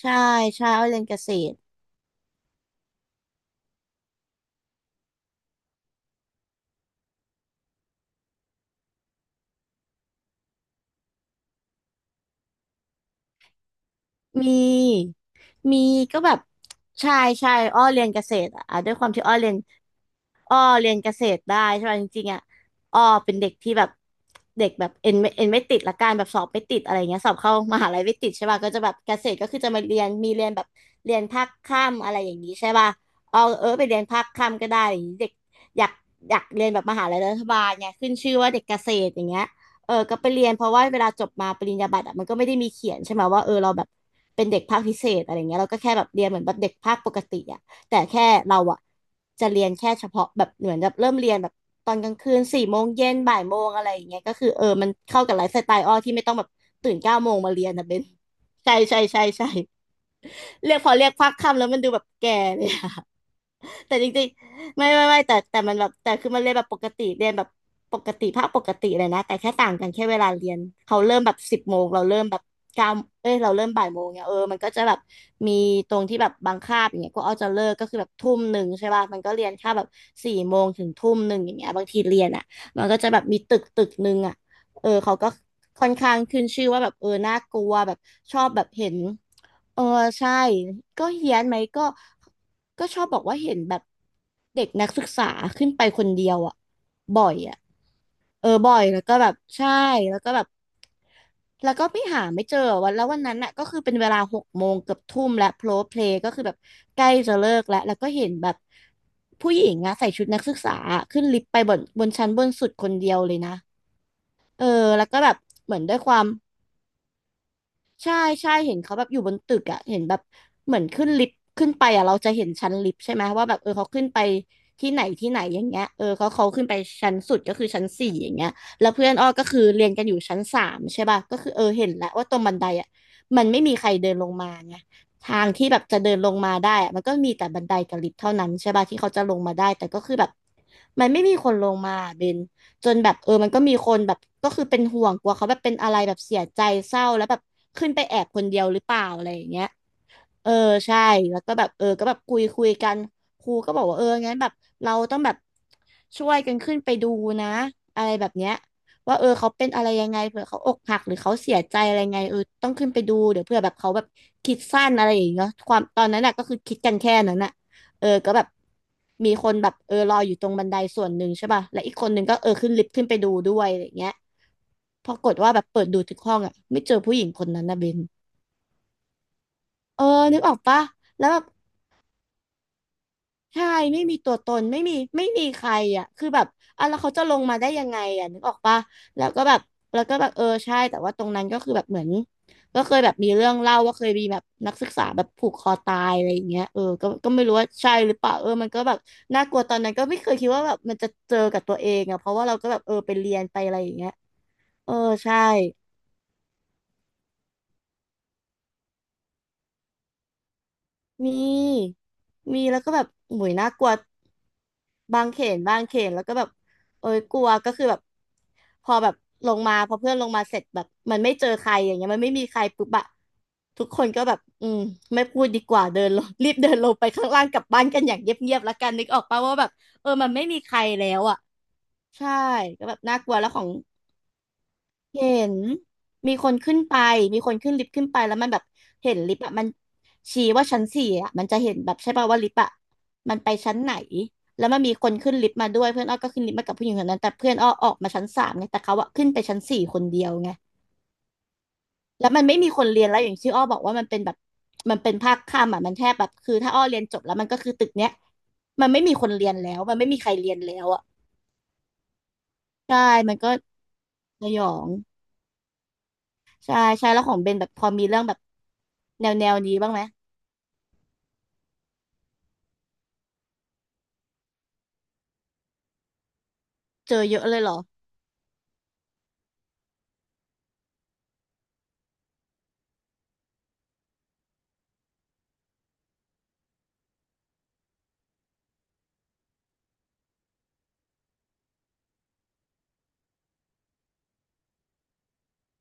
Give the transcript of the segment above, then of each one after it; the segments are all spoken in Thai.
ใช่ใช่อ้อยเรียนเกษตร มี มีก็แบบใช่ใช่อ้อเรียนเกษตรอ่ะด้วยความที่อ้อเรียน อ้อเรียนเกษตรได้ใช่ไหมจริงๆอ่ะอ้อเป็นเด็กที่แบบเด็กแบบเอ็นไม่ติดละกันแบบสอบไม่ติดอะไรเงี้ยสอบเข้ามหาลัยไม่ติดใช่ป่ะก็จะแบบเกษตรก็คือจะมาเรียนเรียนแบบเรียนภาคค่ำอะไรอย่างนี้ใช่ป่ะเอาเออไปเรียนภาคค่ำก็ได้อะไรอย่างนี้เด็กอยากอยากเรียนแบบมหาลัยรัฐบาลเงขึ้นชื่อว่าเด็กเกษตรอย่างเงี้ยเออก็ไปเรียนเพราะว่าเวลาจบมาปริญญาบัตรอะมันก็ไม่ได้มีเขียนใช่ไหมว่าเออเราแบบเป็นเด็กภาคพิเศษอะไรเงี้ยเราก็แค่แบบเรียนเหมือนแบบเด็กภาคปกติอ่ะ แต่แค่เราอะจะเรียนแค่เฉพาะแบบเหมือนแบบเริ่มเรียนแบบตอนกลางคืนสี่โมงเย็นบ่ายโมงอะไรอย่างเงี้ยก็คือเออมันเข้ากับไลฟ์สไตล์อ้อที่ไม่ต้องแบบตื่นเก้าโมงมาเรียนนะเบนใช่เรียกพักค่ำแล้วมันดูแบบแก่เลยอะ แต่จริงๆไม่แต่มันแบบแต่คือมันเรียนแบบปกติเรียนแบบปกติภาคปกติเลยนะแต่แค่ต่างกันแค่เวลาเรียนเขาเริ่มแบบสิบโมงเราเริ่มแบบเก้าเราเริ่มบ่ายโมงเนี่ยเออมันก็จะแบบมีตรงที่แบบบางคาบอย่างเงี้ยก็เอาจะเลิกก็คือแบบทุ่มหนึ่งใช่ป่ะมันก็เรียนแค่แบบสี่โมงถึงทุ่มหนึ่งอย่างเงี้ยบางทีเรียนอ่ะมันก็จะแบบมีตึกหนึ่งอ่ะเออเขาก็ค่อนข้างขึ้นชื่อว่าแบบเออน่ากลัวแบบชอบแบบเห็น เออใช่ก็เฮี้ยนไหมก็ชอบบอกว่าเห็นแบบเด็กนักศึกษาขึ้นไปคนเดียวอ่ะบ่อยอ่ะเออบ่อยแล้วก็แบบใช่แล้วก็แบบแล้วก็ไม่เจอวันแล้ววันนั้นน่ะก็คือเป็นเวลาหกโมงเกือบทุ่มและโพลเพลก็คือแบบใกล้จะเลิกแล้วแล้วก็เห็นแบบผู้หญิงอะใส่ชุดนักศึกษาขึ้นลิฟต์ไปบนชั้นบนสุดคนเดียวเลยนะเออแล้วก็แบบเหมือนด้วยความ ใช่ใช่เห็นเขาแบบอยู่บนตึกอ่ะเห็นแบบเหมือนขึ้นลิฟต์ขึ้นไปอ่ะเราจะเห็นชั้นลิฟต์ใช่ไหมว่าแบบเออเขาขึ้นไปที่ไหนอย่างเงี้ยเออเขาขึ้นไปชั้นสุดก็คือชั้นสี่อย่างเงี้ยแล้วเพื่อนอ้อก็คือเรียนกันอยู่ชั้นสามใช่ป่ะก็คือเออเห็นแล้วว่าตรงบันไดอ่ะมันไม่มีใครเดินลงมาไงทางที่แบบจะเดินลงมาได้อะมันก็มีแต่บันไดกับลิฟต์เท่านั้นใช่ป่ะที่เขาจะลงมาได้แต่ก็คือแบบมันไม่มีคนลงมาเบน จนแบบเออมันก็มีคนแบบก็คือเป็นห่วงกลัวเขาแบบเป็นอะไรแบบเสียใจเศร้าแล้วแบบขึ้นไปแอบคนเดียวหรือเปล่าอะไรอย่างเงี้ย เออใช่แล้วก็แบบเออก็แบบคุยกันครูก็บอกว่าเอองั้นแบบเราต้องแบบช่วยกันขึ้นไปดูนะอะไรแบบเนี้ยว่าเออเขาเป็นอะไรยังไงเผื่อเขาอกหักหรือเขาเสียใจอะไรไงเออต้องขึ้นไปดูเดี๋ยวเผื่อแบบเขาแบบคิดสั้นอะไรอย่างเงี้ยความตอนนั้นน่ะก็คือคิดกันแค่นั้นน่ะเออก็แบบมีคนแบบเออรออยู่ตรงบันไดส่วนหนึ่งใช่ป่ะและอีกคนหนึ่งก็เออขึ้นลิฟต์ขึ้นไปดูด้วยอะไรอย่างเงี้ยปรากฏว่าแบบเปิดดูทุกห้องอ่ะไม่เจอผู้หญิงคนนั้นนะเบนเออนึกออกปะแล้วแบบ ใช่ไม่มีตัวตนไม่มีใครอ่ะคือแบบอ่ะแล้วเขาจะลงมาได้ยังไงอ่ะนึกออกปะแล้วก็แบบแล้วก็แบบเออใช่แต่ว่าตรงนั้นก็คือแบบเหมือนก็เคยแบบมีเรื่องเล่าว่าเคยมีแบบนักศึกษาแบบผูกคอตายอะไรอย่างเงี้ยเออก็ไม่รู้ว่าใช่หรือเปล่าเออมันก็แบบน่ากลัวตอนนั้นก็ไม่เคยคิดว่าแบบมันจะเจอกับตัวเองอ่ะเพราะว่าเราก็แบบเออไปเรียนไปอะไรอย่างเงี้ยเออใช่มีมีแล้วก็แบบโหยน่ากลัว บางเขนบางเขนแล้วก็แบบเอ้ยกลัวก็คือแบบพอแบบลงมาพอเพื่อนลงมาเสร็จแบบมันไม่เจอใครอย่างเงี้ยมันไม่มีใครปุ๊บอะทุกคนก็แบบอืมไม่พูดดีกว่าเดินลง รีบเดินลงไปข้างล่างกลับบ้านกันอย่างเงียบๆแล้วกันนึกออกปะว่าแบบเออมันไม่มีใครแล้วอะใช่ก็แบบน่ากลัวแล้วของ เห็นมีคนขึ้นไปมีคนขึ้นลิฟต์ขึ้นไปแล้วมันแบบเห็นลิฟต์อะมันชี้ว่าชั้นสี่อะมันจะเห็นแบบใช่ป่าวว่าลิฟต์อะมันไปชั้นไหนแล้วมันมีคนขึ้นลิฟต์มาด้วยเพื่อนอ้อก็ขึ้นลิฟต์มากับผู้หญิงคนนั้นแต่เพื่อนอ้อออกมาชั้นสามไงแต่เขาอะขึ้นไปชั้นสี่คนเดียวไงแล้วมันไม่มีคนเรียนแล้วอย่างที่อ้อบอกว่ามันเป็นแบบมันเป็นภาคค่ำอะมันแทบแบบคือถ้าอ้อเรียนจบแล้วมันก็คือตึกเนี้ยมันไม่มีคนเรียนแล้วมันไม่มีใครเรียนแล้วอะใช่มันก็สยอง ใช่ใช่แล้วของเบนแบบพอมีเรื่องแบบแนวนี้บ้างไหมเจอเยอะเลยเหรอ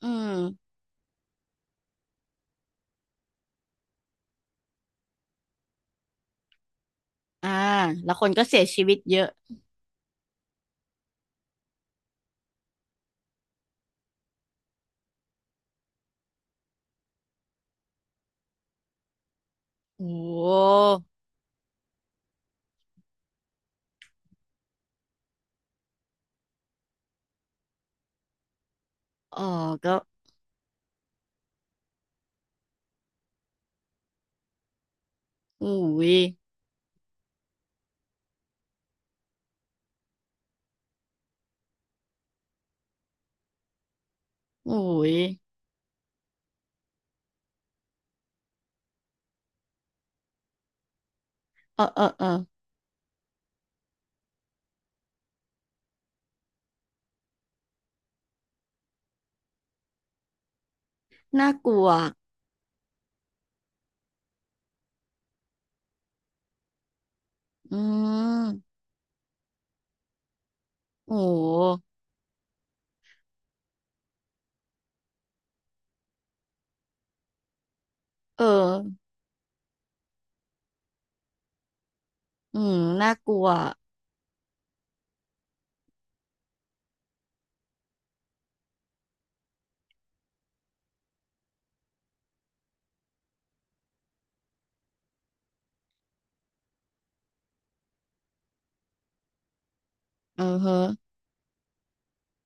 อืมอ่าแล้วคนก็เสียชีวิตเยอะโอ้โหเออก็อุ้ยอุ้ยเออเออเออน่ากลัวอืมโอ้หเอออืมน่ากลัวเออฮะ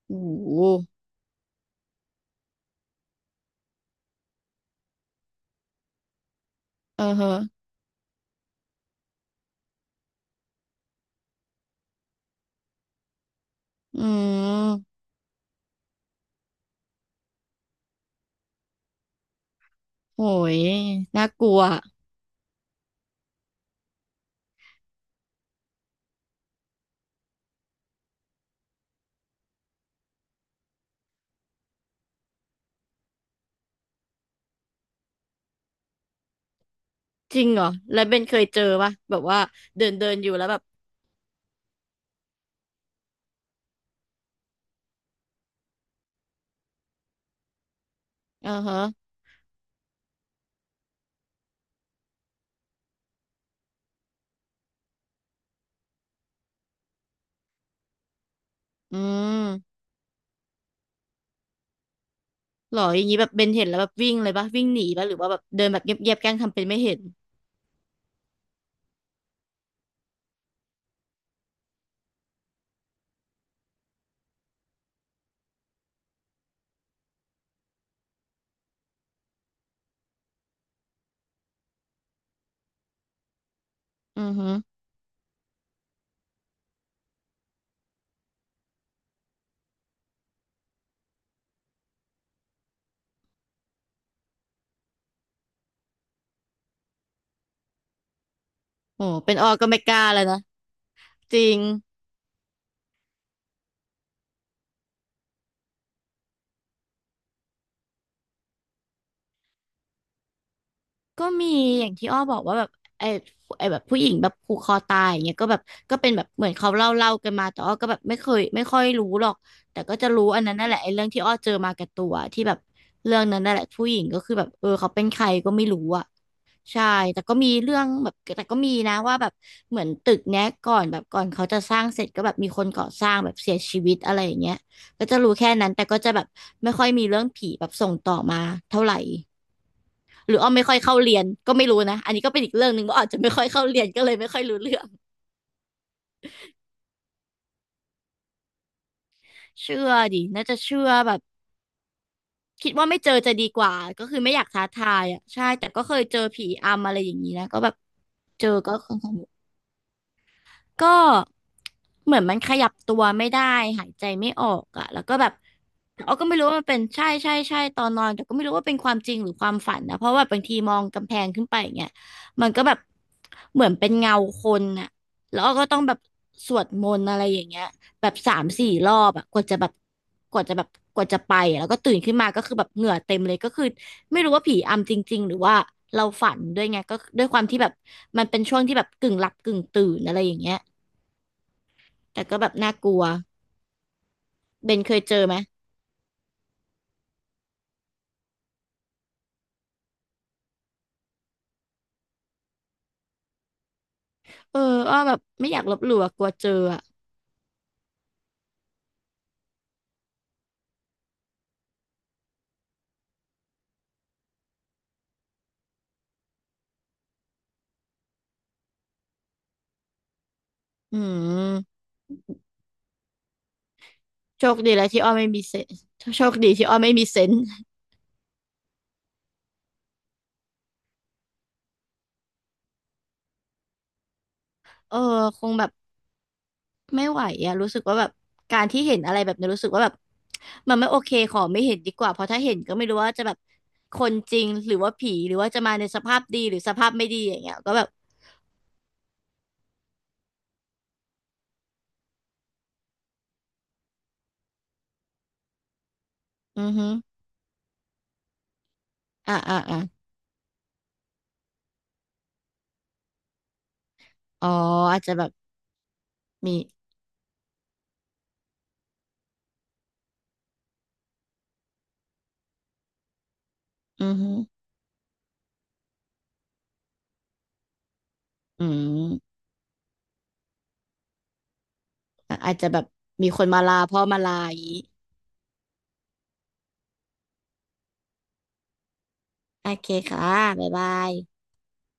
โอ้หเออฮะอืมโอ้ยน่ากลัวจริงเหรอแล้วเบนเคยเจอปะแบบว่าเดินเดินอยู่แล้วแบบเออฮะอืม หรออย่างนี้แบบเบนเห็นแล้วแบบวิ่งเลยปะวิ่งหนีปะหรือว่าแบบเดินแบบเงียบๆแกล้งทำเป็นไม่เห็นอือฮึโอ้เป็นออก็ไม่กล้าแล้วนะจริง ก็มีอย่างที่อ้อบอกว่าแบบไอ้ไอ้แบบผู้หญิงแบบผูกคอตายอย่างเงี้ยก็แบบก็เป็นแบบเหมือนเขาเล่ากันมาแต่อ้อก็แบบไม่เคยไม่ค่อยรู้หรอกแต่ก็จะรู้อันนั้นนั่นแหละไอ้เรื่องที่อ้อเจอมากับตัวที่แบบเรื่องนั้นนั่นแหละผู้หญิงก็คือแบบเออเขาเป็นใครก็ไม่รู้อ่ะใช่แต่ก็มีเรื่องแบบแต่ก็มีนะว่าแบบเหมือนตึกเนี้ยก่อนเขาจะสร้างเสร็จก็แบบมีคนก่อสร้างแบบเสียชีวิตอะไรอย่างเงี้ยก็จะรู้แค่นั้นแต่ก็จะแบบไม่ค่อยมีเรื่องผีแบบส่งต่อมาเท่าไหร่ หรืออ้อไม่ค่อยเข้าเรียนก็ไม่รู้นะอันนี้ก็เป็นอีกเรื่องหนึ่งว่าอาจจะไม่ค่อยเข้าเรียนก็เลยไม่ค่อยรู้เรื่องเชื่อดิน่าจะเชื่อแบบคิดว่าไม่เจอจะดีกว่าก็คือไม่อยากท้าทายอ่ะใช่แต่ก็เคยเจอผีอำอะไรอย่างนี้นะก็แบบเจอก็ค่อนข้าง ก็เหมือนมันขยับตัวไม่ได้หายใจไม่ออกอะแล้วก็แบบเราก็ไม่รู้ว่ามันเป็นใช่ตอนนอนแต่ก็ไม่รู้ว่าเป็นความจริงหรือความฝันนะเพราะว่าบางทีมองกำแพงขึ้นไปอย่างเงี้ยมันก็แบบเหมือนเป็นเงาคนอะแล้วก็ต้องแบบสวดมนต์อะไรอย่างเงี้ยแบบสามสี่รอบอะกว่าจะแบบกว่าจะไปอะแล้วก็ตื่นขึ้นมาก็คือแบบเหงื่อเต็มเลยก็คือไม่รู้ว่าผีอำจริงๆหรือว่าเราฝันด้วยไงก็ด้วยความที่แบบมันเป็นช่วงที่แบบกึ่งหลับกึ่งตื่นอะไรอย่างเงี้ย แต่ก็แบบน่ากลัวเบนเคยเจอไหมเอออ้อแบบไม่อยากลบหลู่อะกลัวเจออะอืมโชคดีแล้วที่อ้อไม่มีเซนโชคดีที่อ้อไม่มีเซนส์เออคงแบบไม่ไหวอะรู้สึกว่าแบบการที่เห็นอะไรแบบนี้รู้สึกว่าแบบมันไม่โอเคขอไม่เห็นดีกว่าเพราะถ้าเห็นก็ไม่รู้ว่าจะแบบคนจริงหรือว่าผีหรือว่าจะมาในสภาพดีหรือสภาพไม่ดีอย่างเงี้ยก็แบบอือฮึอ่าอ่าอ่าอ๋ออาจจะแบบมีอือฮึอืมอะอาจจะแบบมีคนมาลาพ่อมาลาอย่างงี้ โอเคค่ะบ๊ายบาย